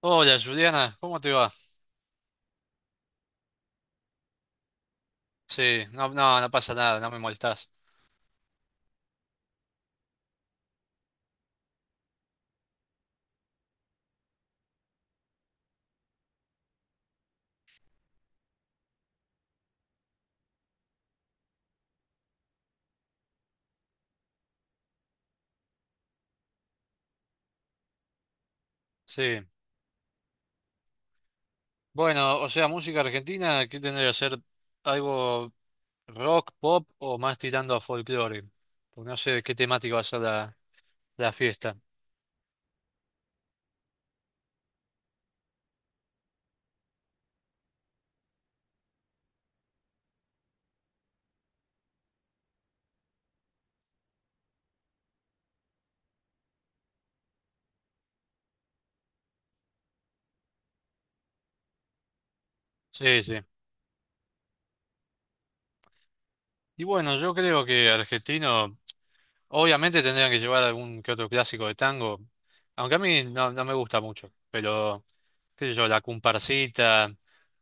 Hola, Juliana, ¿cómo te va? Sí, no, no, no pasa nada, no me molestás. Sí. Bueno, o sea, música argentina, ¿qué tendría que ser? ¿Algo rock, pop o más tirando a folclore? Porque no sé de qué temática va a ser la fiesta. Sí, sí. Y bueno, yo creo que argentino, obviamente tendrían que llevar algún que otro clásico de tango, aunque a mí no, no me gusta mucho, pero qué sé yo, la comparsita,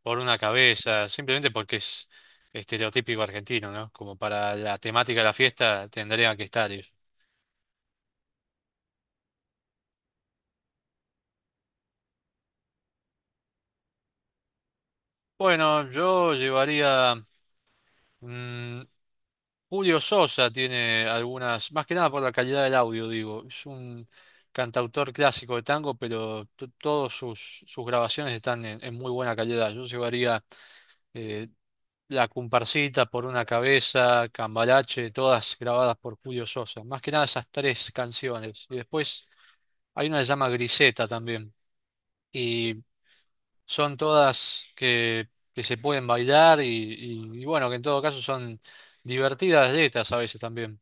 por una cabeza, simplemente porque es estereotípico argentino, ¿no? Como para la temática de la fiesta tendría que estar ellos. Bueno, yo llevaría mm, Julio Sosa tiene algunas, más que nada por la calidad del audio, digo. Es un cantautor clásico de tango, pero todas sus grabaciones están en muy buena calidad. Yo llevaría eh, La Comparsita, por una cabeza, Cambalache, todas grabadas por Julio Sosa. Más que nada esas tres canciones. Y después hay una que se llama Griseta también. Y son todas que se pueden bailar y bueno, que en todo caso son... Divertidas dietas a veces también.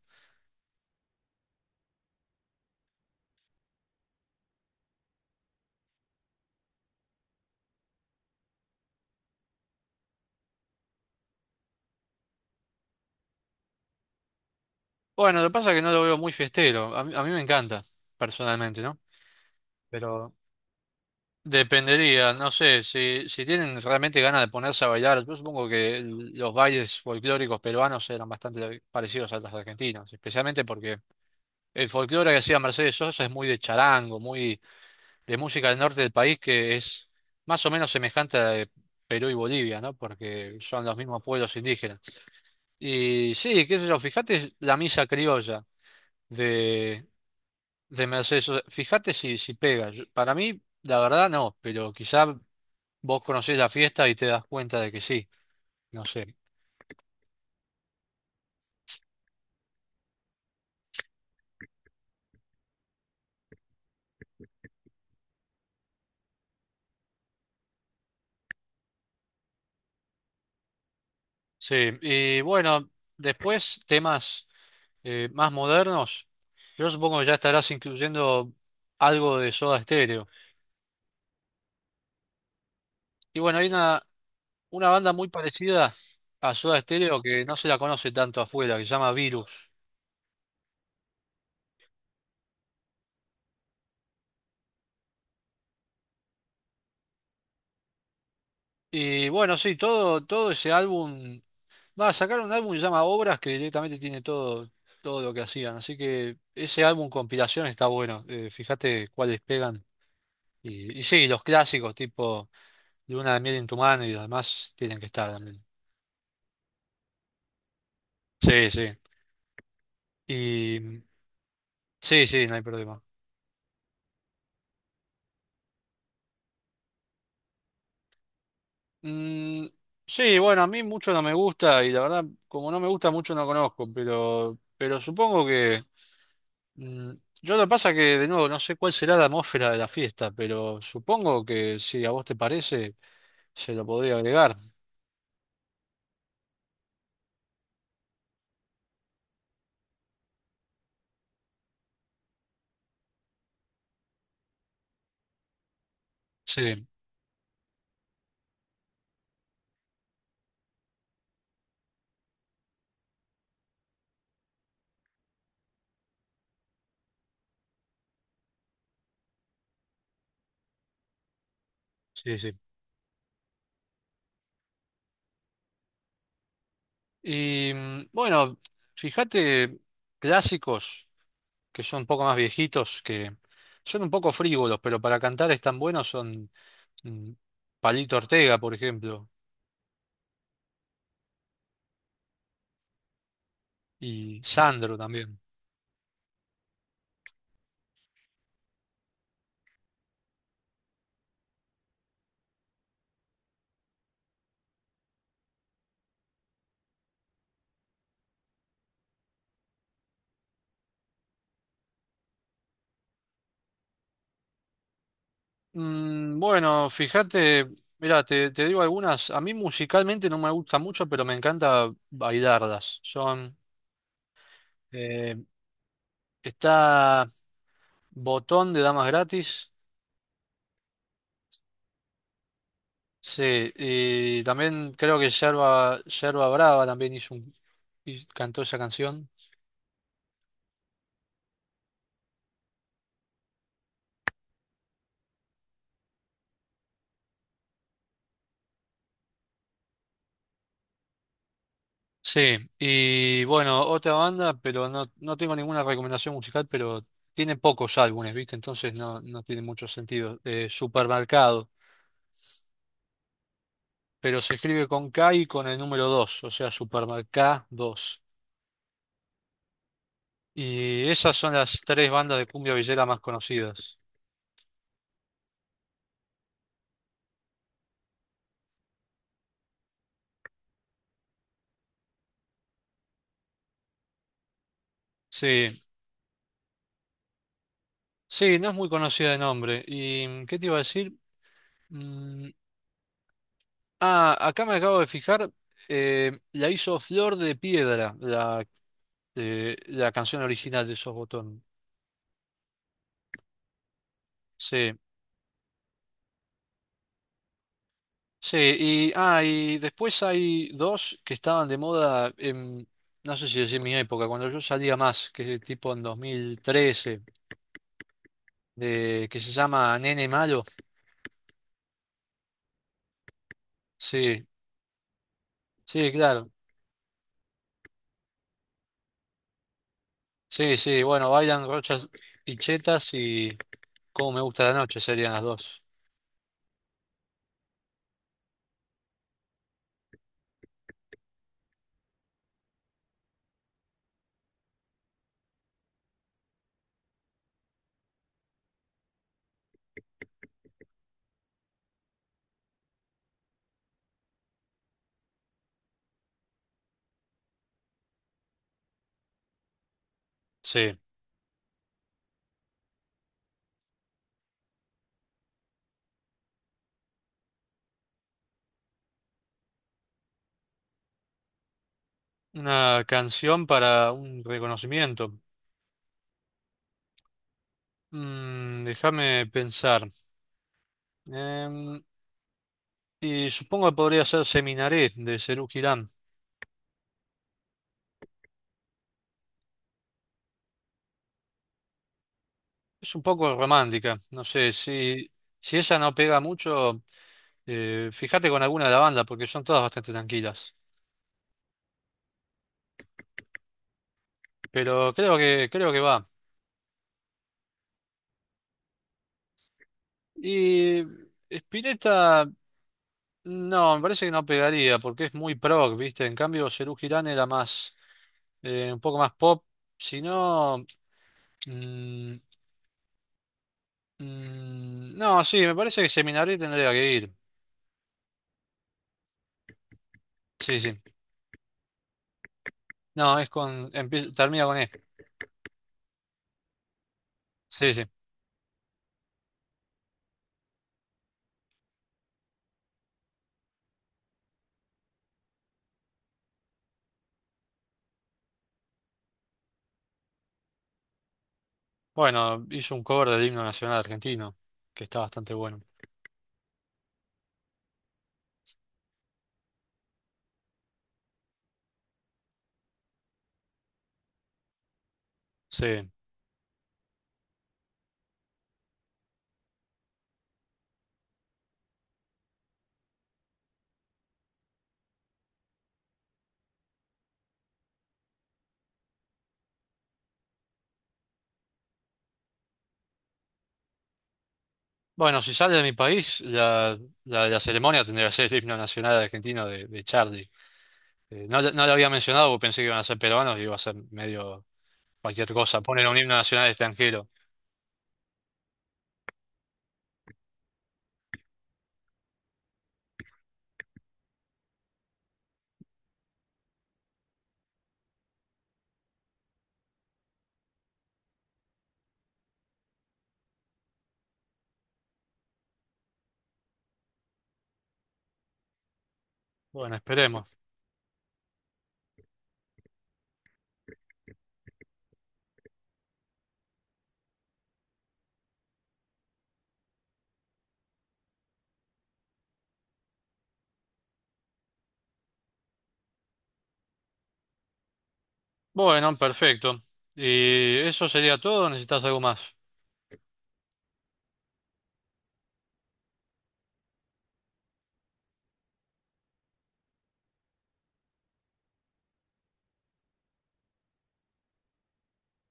Bueno, lo que pasa es que no lo veo muy fiestero. A mí me encanta, personalmente, ¿no? Pero dependería, no sé, si tienen realmente ganas de ponerse a bailar, yo supongo que los bailes folclóricos peruanos eran bastante parecidos a los argentinos, especialmente porque el folclore que hacía Mercedes Sosa es muy de charango, muy de música del norte del país, que es más o menos semejante a la de Perú y Bolivia, ¿no? Porque son los mismos pueblos indígenas. Y sí, qué sé yo, fíjate la misa criolla de, de Mercedes Sosa. Fíjate si pega. Yo... Para mí, la verdad no, pero quizá vos conocés la fiesta y te das cuenta de que sí. No sé. Sí, y bueno, después temas más modernos. Yo supongo que ya estarás incluyendo algo de Soda Stereo. Y bueno, hay una banda muy parecida a Soda Stereo que no se la conoce tanto afuera, que se llama Virus. Y bueno, sí, todo ese álbum. Va a sacar un álbum que se llama Obras, que directamente tiene todo, todo lo que hacían. Así que ese álbum compilación está bueno. Fíjate cuáles pegan. Y sí, los clásicos, tipo Luna de miel en tu mano, y los demás tienen que estar también. Sí, sí. Y sí, sí, no hay problema. Mm, sí, bueno, a mí mucho no me gusta y la verdad, como no me gusta mucho no conozco, pero supongo que... mm, yo lo que pasa que, de nuevo, no sé cuál será la atmósfera de la fiesta, pero supongo que si a vos te parece, se lo podría agregar. Sí, sí, sí. Y bueno, fíjate clásicos que son un poco más viejitos, que son un poco frívolos, pero para cantar están buenos. Son mm, Palito Ortega, por ejemplo, y Sandro también. Bueno, fíjate, mira, te digo algunas. A mí musicalmente no me gusta mucho, pero me encanta bailarlas. Son, eh, está Botón de Damas Gratis. Sí, y también creo que Yerba Brava también hizo un, y cantó esa canción. Sí, y bueno, otra banda, pero no, no tengo ninguna recomendación musical, pero tiene pocos álbumes, ¿viste? Entonces no, no tiene mucho sentido. Supermercado, pero se escribe con K y con el número 2, o sea, Supermercado dos. Y esas son las tres bandas de cumbia villera más conocidas. Sí, sí, no es muy conocida de nombre. ¿Y qué te iba a decir? Mm, ah, acá me acabo de fijar, la hizo Flor de Piedra, la canción original de esos botones. Sí, sí, y ah, y después hay dos que estaban de moda en... no sé si decir mi época, cuando yo salía más, que tipo en 2013, de que se llama Nene Malo. Sí, sí, claro. Sí, sí, bueno, bailan Rochas y Chetas, y Cómo me gusta la noche serían las dos. Sí, una canción para un reconocimiento. Déjame pensar. Em, y supongo que podría ser Seminaré de Serú Girán. Es un poco romántica, no sé, si esa no pega mucho, fíjate con alguna de la banda porque son todas bastante tranquilas. Pero creo que va. Y Spinetta, no, me parece que no pegaría porque es muy prog, ¿viste? En cambio, Serú Girán era más, un poco más pop. Si no, mm, no, sí, me parece que Seminari tendría que ir. Sí, sí. No, es con, termina con E. Sí, sí. Bueno, hizo un cover del himno nacional argentino, que está bastante bueno. Sí. Bueno, si sale de mi país, la ceremonia tendría que ser el himno nacional argentino de Charlie. No, no lo había mencionado porque pensé que iban a ser peruanos y iba a ser medio cualquier cosa. Ponen un himno nacional extranjero. Bueno, esperemos. Bueno, perfecto. ¿Y eso sería todo, o necesitas algo más?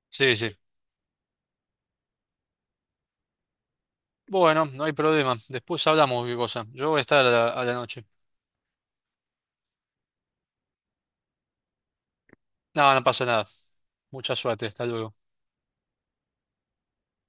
Sí, sí. Bueno, no hay problema. Después hablamos qué cosa. Yo voy a estar a la noche. No, no pasa nada. Mucha suerte. Hasta luego.